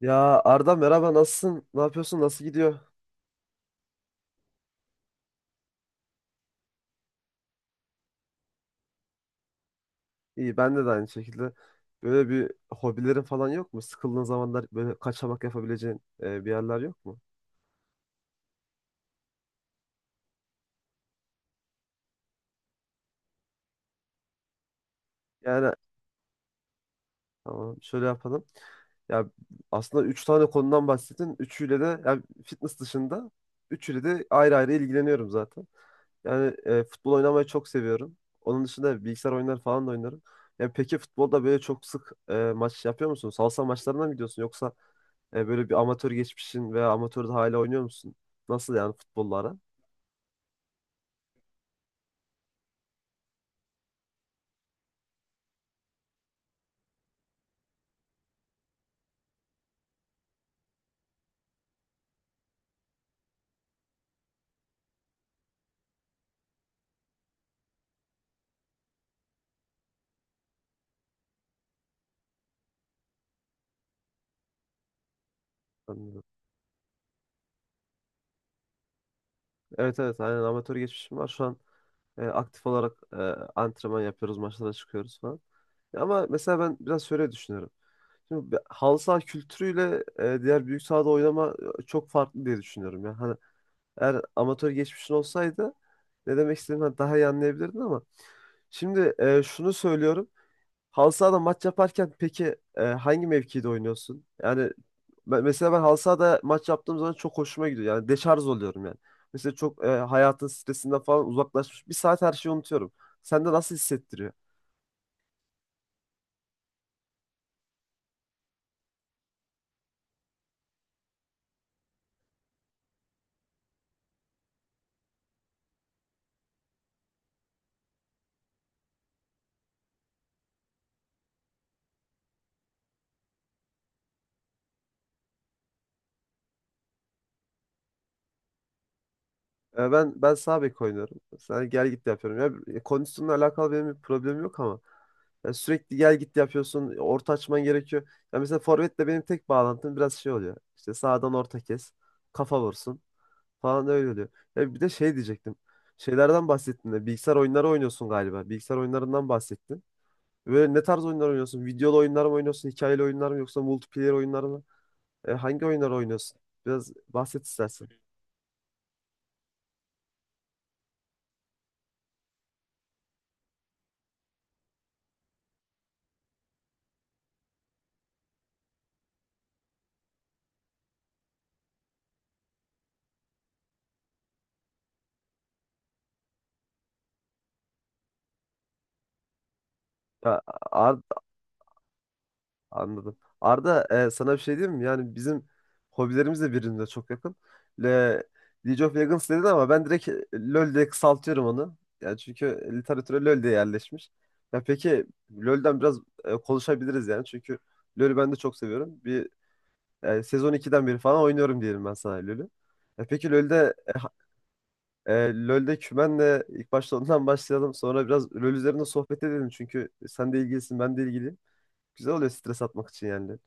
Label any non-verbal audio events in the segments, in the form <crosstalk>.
Ya Arda merhaba, nasılsın? Ne yapıyorsun? Nasıl gidiyor? İyi, ben de aynı şekilde. Böyle bir hobilerin falan yok mu? Sıkıldığın zamanlar böyle kaçamak yapabileceğin bir yerler yok mu? Yani tamam, şöyle yapalım. Ya aslında üç tane konudan bahsettin. Üçüyle de yani fitness dışında üçüyle de ayrı ayrı ilgileniyorum zaten. Yani futbol oynamayı çok seviyorum. Onun dışında bilgisayar oyunları falan da oynarım. Yani peki futbolda böyle çok sık maç yapıyor musun? Salsa maçlarına mı gidiyorsun, yoksa böyle bir amatör geçmişin veya amatörde hala oynuyor musun? Nasıl yani, futbollara? Anladım. Evet, evet, aynen amatör geçmişim var. Şu an aktif olarak antrenman yapıyoruz, maçlara çıkıyoruz falan. Ya ama mesela ben biraz şöyle düşünüyorum. Şimdi bir halı saha kültürüyle diğer büyük sahada oynama çok farklı diye düşünüyorum. Yani, hani eğer amatör geçmişin olsaydı ne demek istediğini daha iyi anlayabilirdin, ama şimdi şunu söylüyorum. Halı sahada maç yaparken peki hangi mevkide oynuyorsun? Yani mesela ben halı sahada maç yaptığım zaman çok hoşuma gidiyor. Yani deşarj oluyorum yani. Mesela çok hayatın stresinden falan uzaklaşmış. Bir saat her şeyi unutuyorum. Sende nasıl hissettiriyor? Ya ben sağ bek oynuyorum. Sen gel git yapıyorum. Ya kondisyonla alakalı benim bir problemim yok, ama ya sürekli gel git yapıyorsun. Orta açman gerekiyor. Ya mesela forvetle benim tek bağlantım biraz şey oluyor. İşte sağdan orta kes, kafa vursun falan, öyle oluyor. Ya bir de şey diyecektim. Şeylerden bahsettin de bilgisayar oyunları oynuyorsun galiba. Bilgisayar oyunlarından bahsettin. Böyle ne tarz oyunlar oynuyorsun? Videolu oyunlar mı oynuyorsun? Hikayeli oyunlar mı, yoksa multiplayer oyunlar mı? Hangi oyunlar oynuyorsun? Biraz bahset istersen. Ya, Ar- anladım. Arda, sana bir şey diyeyim mi? Yani bizim hobilerimiz de birbirine çok yakın. Le, League of Legends dedin, ama ben direkt LoL diye kısaltıyorum onu. Yani çünkü literatüre LoL diye yerleşmiş. Ya peki LoL'den biraz konuşabiliriz yani. Çünkü LoL'ü ben de çok seviyorum. Bir sezon iki'den beri falan oynuyorum diyelim ben sana LoL'ü. Ya peki LoL'de e, ha- e, LoL'de kümenle ilk başta ondan <laughs> başlayalım. Sonra biraz LoL üzerinde sohbet edelim. Çünkü sen de ilgilisin, ben de ilgiliyim. Güzel oluyor stres atmak için yani.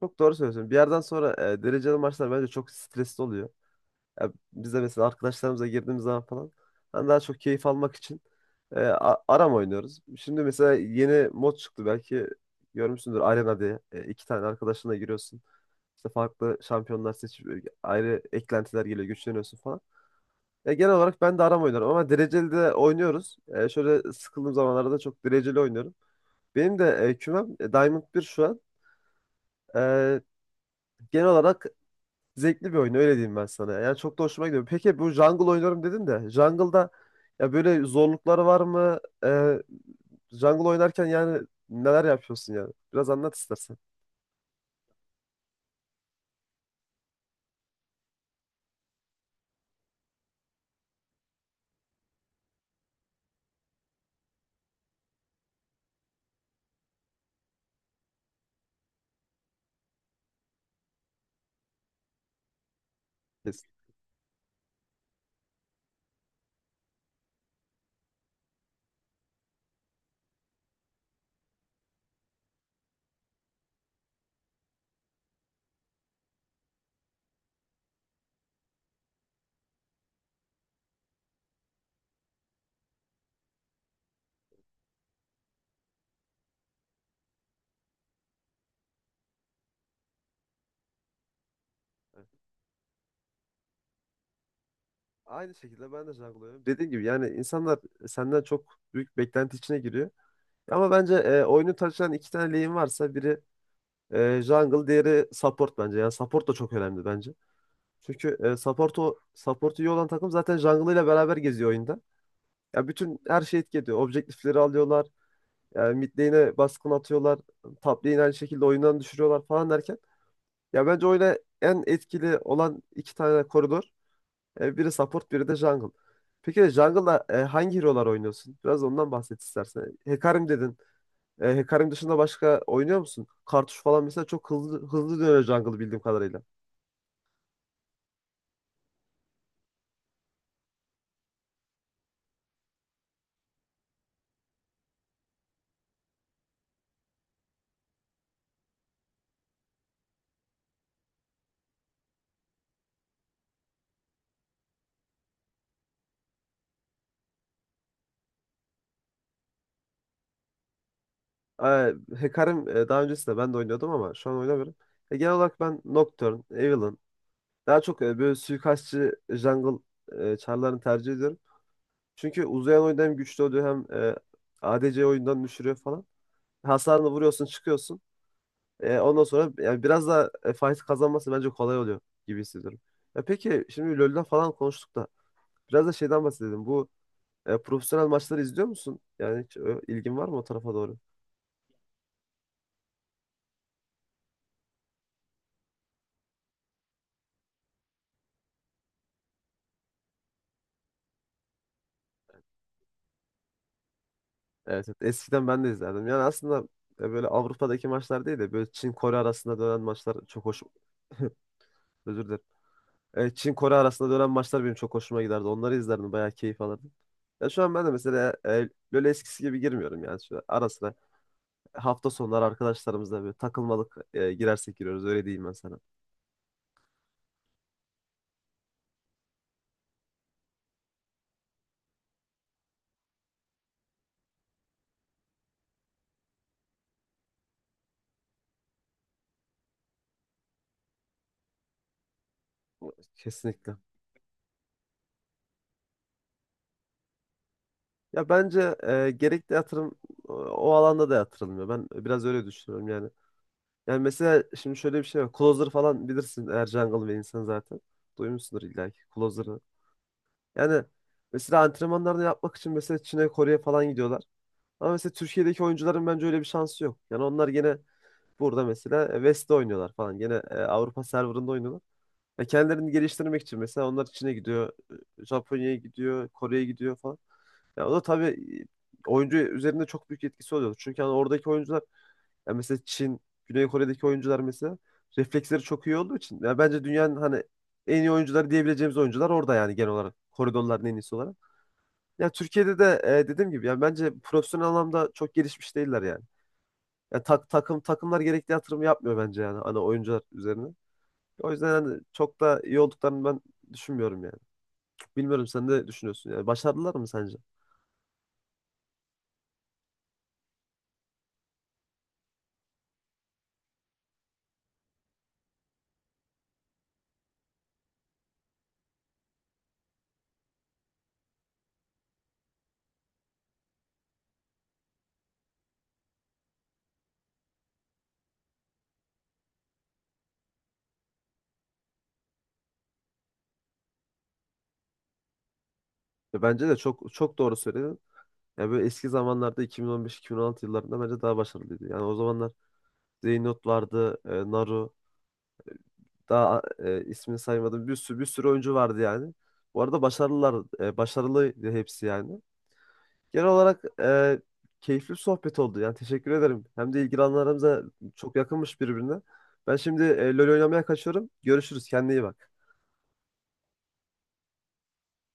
Çok doğru söylüyorsun. Bir yerden sonra dereceli maçlar bence çok stresli oluyor. Ya biz de mesela arkadaşlarımıza girdiğimiz zaman falan ben daha çok keyif almak için aram oynuyoruz. Şimdi mesela yeni mod çıktı, belki görmüşsündür, Arena diye. İki tane arkadaşınla giriyorsun. İşte farklı şampiyonlar seçip ayrı eklentiler geliyor, güçleniyorsun falan. Ya genel olarak ben de aram oynarım ama dereceli de oynuyoruz. Şöyle sıkıldığım zamanlarda çok dereceli oynuyorum. Benim de kümem Diamond bir şu an. E, Genel olarak zevkli bir oyun, öyle diyeyim ben sana. Yani çok da hoşuma gidiyor. Peki bu jungle oynuyorum dedin de jungle'da ya böyle zorlukları var mı? Ee, Jungle oynarken yani neler yapıyorsun yani? Biraz anlat istersen. Kesin. Evet. Aynı şekilde ben de jungle oynuyorum. Dediğim gibi yani insanlar senden çok büyük beklenti içine giriyor. Ama bence oyunu taşıyan iki tane lane varsa biri jungle, diğeri support bence. Yani support da çok önemli bence. Çünkü support, o support iyi olan takım zaten jungle ile beraber geziyor oyunda. Ya bütün her şey etki ediyor. Objektifleri alıyorlar. Yani mid lane'e baskın atıyorlar. Top lane'i aynı şekilde oyundan düşürüyorlar falan derken. Ya bence oyuna en etkili olan iki tane koridor. Biri support, biri de jungle. Peki jungle'da hangi hero'lar oynuyorsun? Biraz ondan bahset istersen. Hecarim dedin. Hecarim dışında başka oynuyor musun? Kartuş falan mesela çok hızlı hızlı dönüyor jungle bildiğim kadarıyla. E, Hecarim daha öncesinde ben de oynuyordum, ama şu an oynamıyorum. Genel olarak ben Nocturne, Evelynn, daha çok böyle suikastçı jungle çarlarını tercih ediyorum. Çünkü uzayan oyunda hem güçlü oluyor, hem ADC oyundan düşürüyor falan. Hasarını vuruyorsun, çıkıyorsun. Ondan sonra yani biraz da fight kazanması bence kolay oluyor gibi hissediyorum. Ya peki şimdi LoL'den falan konuştuk da biraz da şeyden bahsedelim. Bu profesyonel maçları izliyor musun? Yani hiç ilgin var mı o tarafa doğru? Evet, evet. Eskiden ben de izlerdim. Yani aslında böyle Avrupa'daki maçlar değil de böyle Çin Kore arasında dönen maçlar çok hoş. Özür dilerim. Çin Kore arasında dönen maçlar benim çok hoşuma giderdi. Onları izlerdim. Bayağı keyif alırdım. Ya şu an ben de mesela LoL eskisi gibi girmiyorum yani. Şu ara sıra hafta sonları arkadaşlarımızla böyle takılmalık girersek giriyoruz. Öyle diyeyim ben sana. Kesinlikle. Ya bence gerekli yatırım o alanda da yatırılmıyor. Ben biraz öyle düşünüyorum yani. Yani mesela şimdi şöyle bir şey var. Closer falan bilirsin, eğer jungle ve insan zaten. Duymuşsundur illa ki Closer'ı. Yani mesela antrenmanlarını yapmak için mesela Çin'e, Kore'ye falan gidiyorlar. Ama mesela Türkiye'deki oyuncuların bence öyle bir şansı yok. Yani onlar gene burada mesela West'te oynuyorlar falan. Gene Avrupa serverında oynuyorlar. Ve kendilerini geliştirmek için mesela onlar Çin'e gidiyor, Japonya'ya gidiyor, Kore'ye gidiyor falan. Ya o da tabii oyuncu üzerinde çok büyük etkisi oluyor. Çünkü hani oradaki oyuncular, ya mesela Çin, Güney Kore'deki oyuncular mesela refleksleri çok iyi olduğu için. Ya bence dünyanın hani en iyi oyuncuları diyebileceğimiz oyuncular orada yani genel olarak. Koridorların en iyisi olarak. Ya Türkiye'de de dediğim gibi yani bence profesyonel anlamda çok gelişmiş değiller yani. Ya takımlar gerekli yatırım yapmıyor bence, yani hani oyuncular üzerine. O yüzden hani çok da iyi olduklarını ben düşünmüyorum yani. Bilmiyorum sen ne düşünüyorsun yani. Başardılar mı sence? Ya bence de çok çok doğru söyledin. Ya böyle eski zamanlarda 2015-2016 yıllarında bence daha başarılıydı. Yani o zamanlar Zeynout vardı, Naru, daha ismini saymadım. Bir sürü bir sürü oyuncu vardı yani. Bu arada başarılılar, başarılıydı hepsi yani. Genel olarak keyifli bir sohbet oldu. Yani teşekkür ederim. Hem de ilgi alanlarımız da çok yakınmış birbirine. Ben şimdi LoL oynamaya kaçıyorum. Görüşürüz. Kendine iyi bak.